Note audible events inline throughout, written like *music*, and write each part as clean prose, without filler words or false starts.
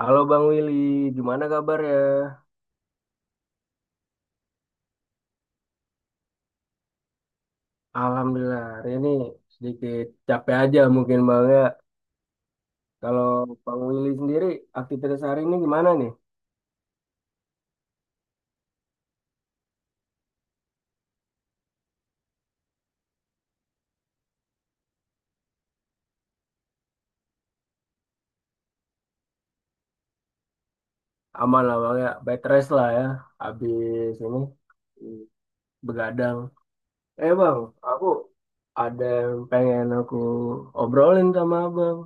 Halo Bang Willy, gimana kabar ya? Alhamdulillah, hari ini sedikit capek aja mungkin Bang ya. Kalau Bang Willy sendiri, aktivitas hari ini gimana nih? Aman lah Bang ya, bed rest lah ya, habis ini begadang. Bang, aku ada yang pengen aku obrolin sama Abang.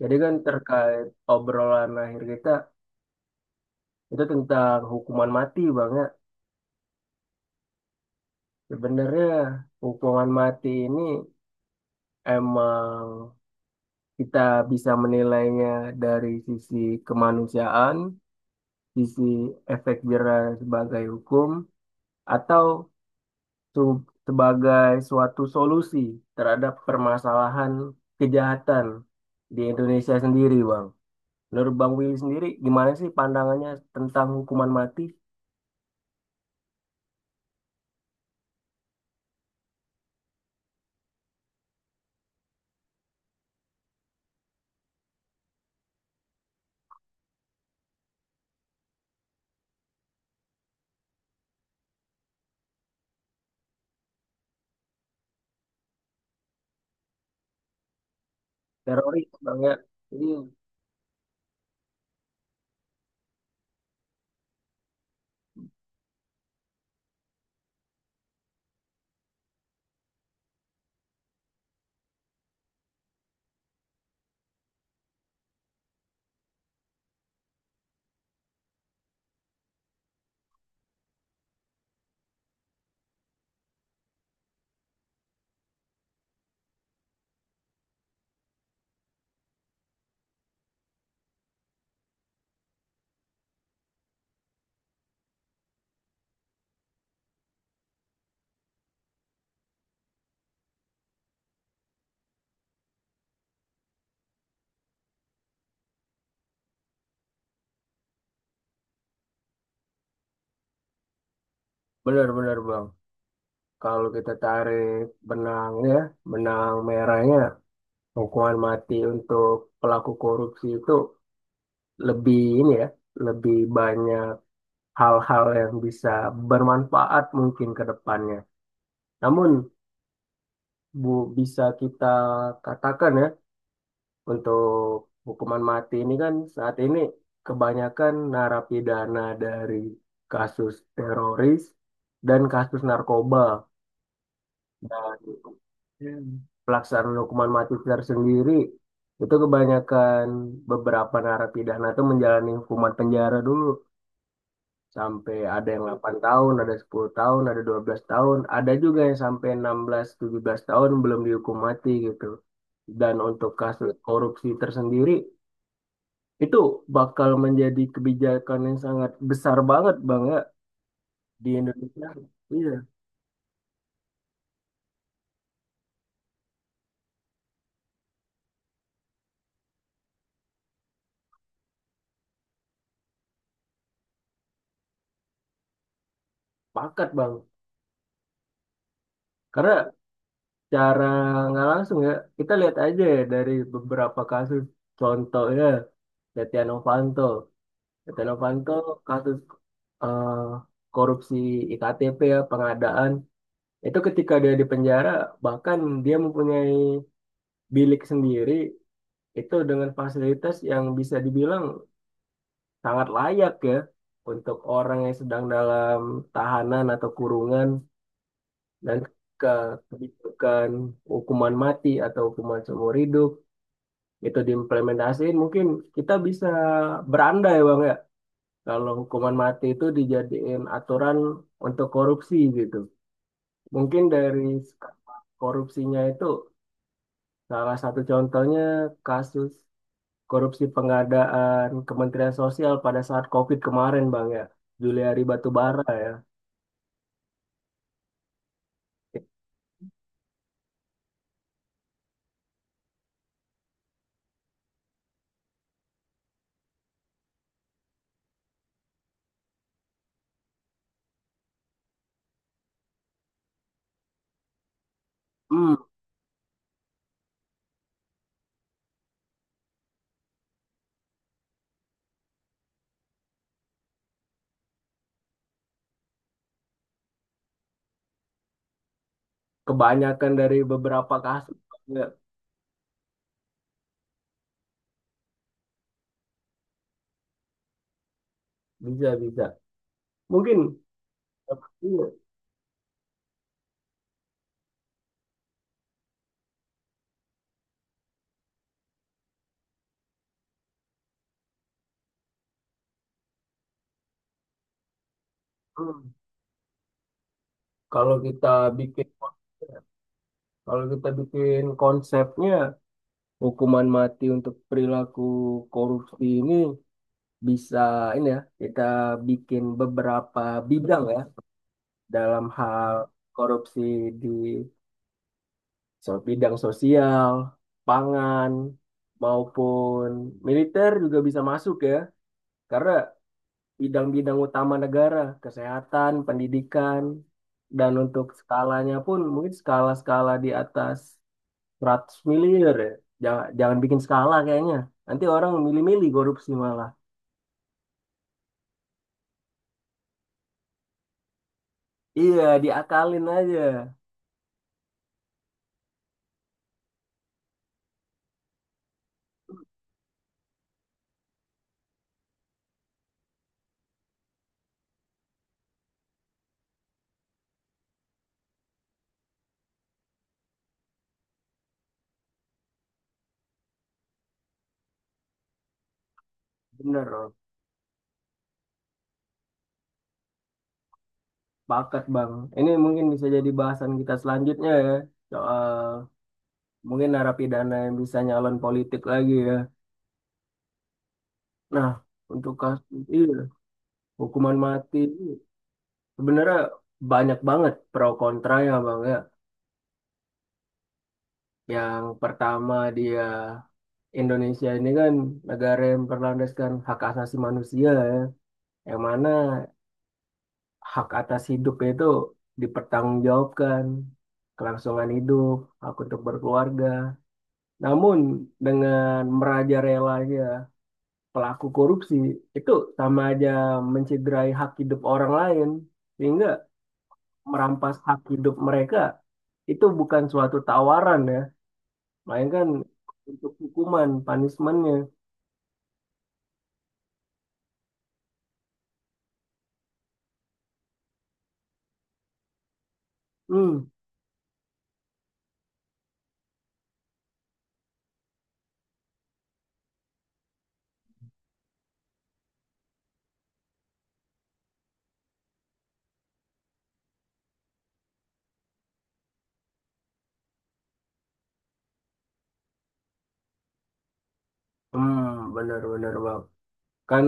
Jadi kan terkait obrolan akhir kita, itu tentang hukuman mati Bang ya. Sebenarnya hukuman mati ini emang kita bisa menilainya dari sisi kemanusiaan, sisi efek jera sebagai hukum, atau sebagai suatu solusi terhadap permasalahan kejahatan di Indonesia sendiri, Bang. Menurut Bang Willy sendiri, gimana sih pandangannya tentang hukuman mati teroris, Bang ya? Jadi benar-benar, Bang. Kalau kita tarik benangnya, benang merahnya, hukuman mati untuk pelaku korupsi itu lebih ini ya, lebih banyak hal-hal yang bisa bermanfaat mungkin ke depannya. Namun bu bisa kita katakan ya, untuk hukuman mati ini kan saat ini kebanyakan narapidana dari kasus teroris dan kasus narkoba, dan pelaksanaan hukuman mati tersendiri itu kebanyakan beberapa narapidana itu menjalani hukuman penjara dulu, sampai ada yang 8 tahun, ada 10 tahun, ada 12 tahun, ada juga yang sampai 16 17 tahun belum dihukum mati gitu. Dan untuk kasus korupsi tersendiri itu bakal menjadi kebijakan yang sangat besar banget Bang ya di Indonesia. Iya, pakat Bang. Karena cara nggak langsung ya, kita lihat aja ya dari beberapa kasus. Contohnya Setia Novanto. Setia Novanto kasus eh, korupsi IKTP ya, pengadaan itu. Ketika dia di penjara, bahkan dia mempunyai bilik sendiri itu dengan fasilitas yang bisa dibilang sangat layak ya untuk orang yang sedang dalam tahanan atau kurungan. Dan ke kebijakan hukuman mati atau hukuman seumur hidup itu diimplementasiin, mungkin kita bisa berandai bang ya kalau hukuman mati itu dijadiin aturan untuk korupsi gitu. Mungkin dari korupsinya itu, salah satu contohnya kasus korupsi pengadaan Kementerian Sosial pada saat COVID kemarin Bang ya. Juliari Batubara ya. Hmm, kebanyakan dari beberapa kasus ya, bisa bisa. Mungkin iya, hmm, kalau kita bikin, kalau kita bikin konsepnya hukuman mati untuk perilaku korupsi ini bisa ini ya, kita bikin beberapa bidang ya dalam hal korupsi di bidang sosial, pangan maupun militer juga bisa masuk ya, karena bidang-bidang utama negara, kesehatan, pendidikan. Dan untuk skalanya pun mungkin skala-skala di atas 100 miliar ya. Jangan, jangan bikin skala kayaknya. Nanti orang milih-milih korupsi malah. Iya, diakalin aja. Bener, Rob. Pakat, Bang. Ini mungkin bisa jadi bahasan kita selanjutnya ya. Soal mungkin narapidana yang bisa nyalon politik lagi ya. Nah, untuk kasus iya, hukuman mati. Sebenarnya banyak banget pro kontranya, Bang ya. Yang pertama dia Indonesia ini kan negara yang berlandaskan hak asasi manusia ya, yang mana hak atas hidup itu dipertanggungjawabkan, kelangsungan hidup, hak untuk berkeluarga. Namun dengan merajalelanya pelaku korupsi itu, sama aja mencederai hak hidup orang lain, sehingga merampas hak hidup mereka, itu bukan suatu tawaran ya, melainkan untuk hukuman, punishmentnya. Hmm, hmm, benar-benar bang. Kan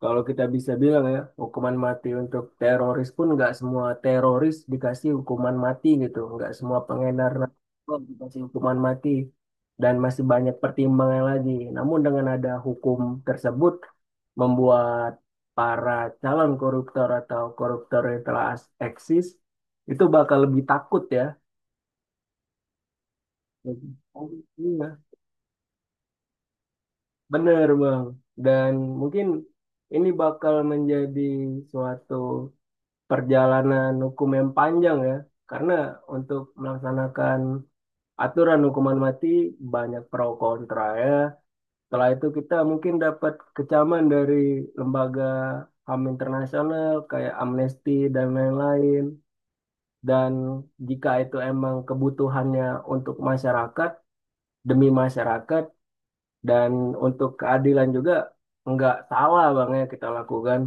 kalau kita bisa bilang ya, hukuman mati untuk teroris pun nggak semua teroris dikasih hukuman mati gitu. Nggak semua pengedar narkoba dikasih hukuman mati. Dan masih banyak pertimbangan lagi. Namun dengan ada hukum tersebut, membuat para calon koruptor atau koruptor yang telah eksis, itu bakal lebih takut ya. Oh, iya, bener Bang. Dan mungkin ini bakal menjadi suatu perjalanan hukum yang panjang ya, karena untuk melaksanakan aturan hukuman mati banyak pro kontra ya. Setelah itu kita mungkin dapat kecaman dari lembaga HAM internasional kayak Amnesty dan lain-lain. Dan jika itu emang kebutuhannya untuk masyarakat, demi masyarakat, dan untuk keadilan juga, nggak salah bang ya kita lakukan.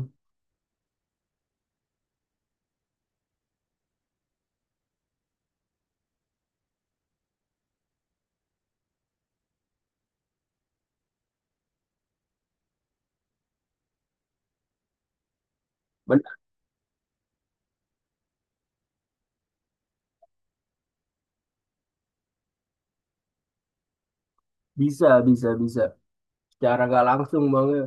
Benar, bisa, bisa, bisa. Secara nggak langsung bang ya.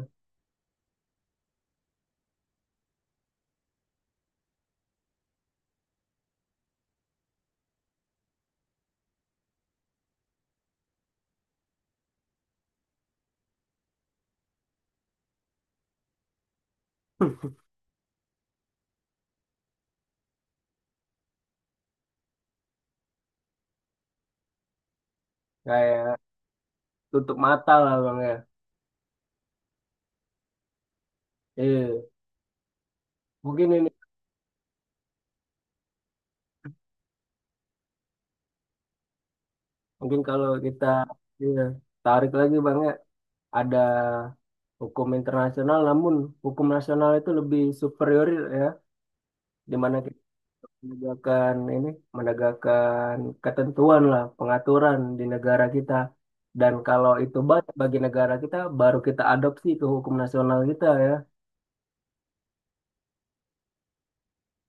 *laughs* Kayak tutup mata lah bang ya. Iya, mungkin ini mungkin kalau kita iya, tarik lagi bang ya, ada hukum internasional, namun hukum nasional itu lebih superior ya, di mana kita menegakkan ini, menegakkan ketentuan lah, pengaturan di negara kita. Dan kalau itu banyak bagi negara kita, baru kita adopsi ke hukum nasional kita ya.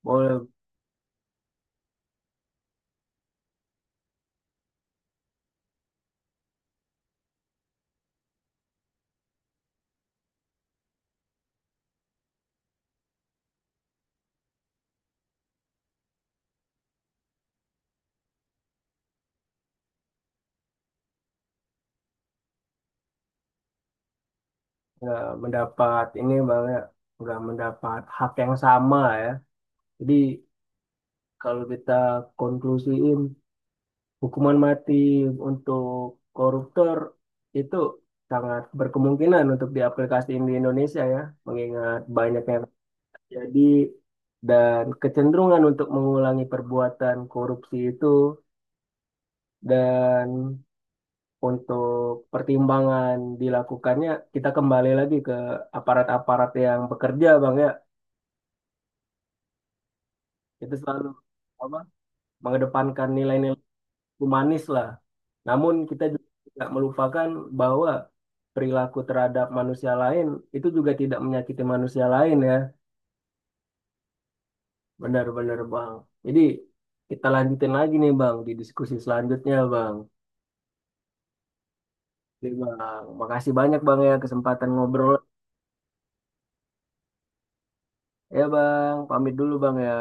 Boleh nggak mendapat ini bang ya, nggak mendapat hak yang sama ya. Jadi kalau kita konklusiin, hukuman mati untuk koruptor itu sangat berkemungkinan untuk diaplikasikan di Indonesia ya, mengingat banyak yang terjadi dan kecenderungan untuk mengulangi perbuatan korupsi itu. Dan untuk pertimbangan dilakukannya, kita kembali lagi ke aparat-aparat yang bekerja Bang ya, itu selalu apa, mengedepankan nilai-nilai humanis lah. Namun kita juga tidak melupakan bahwa perilaku terhadap manusia lain itu juga tidak menyakiti manusia lain ya. Benar-benar Bang. Jadi kita lanjutin lagi nih Bang di diskusi selanjutnya Bang. Oke Bang, makasih banyak Bang ya kesempatan ngobrol. Ya Bang, pamit dulu Bang ya.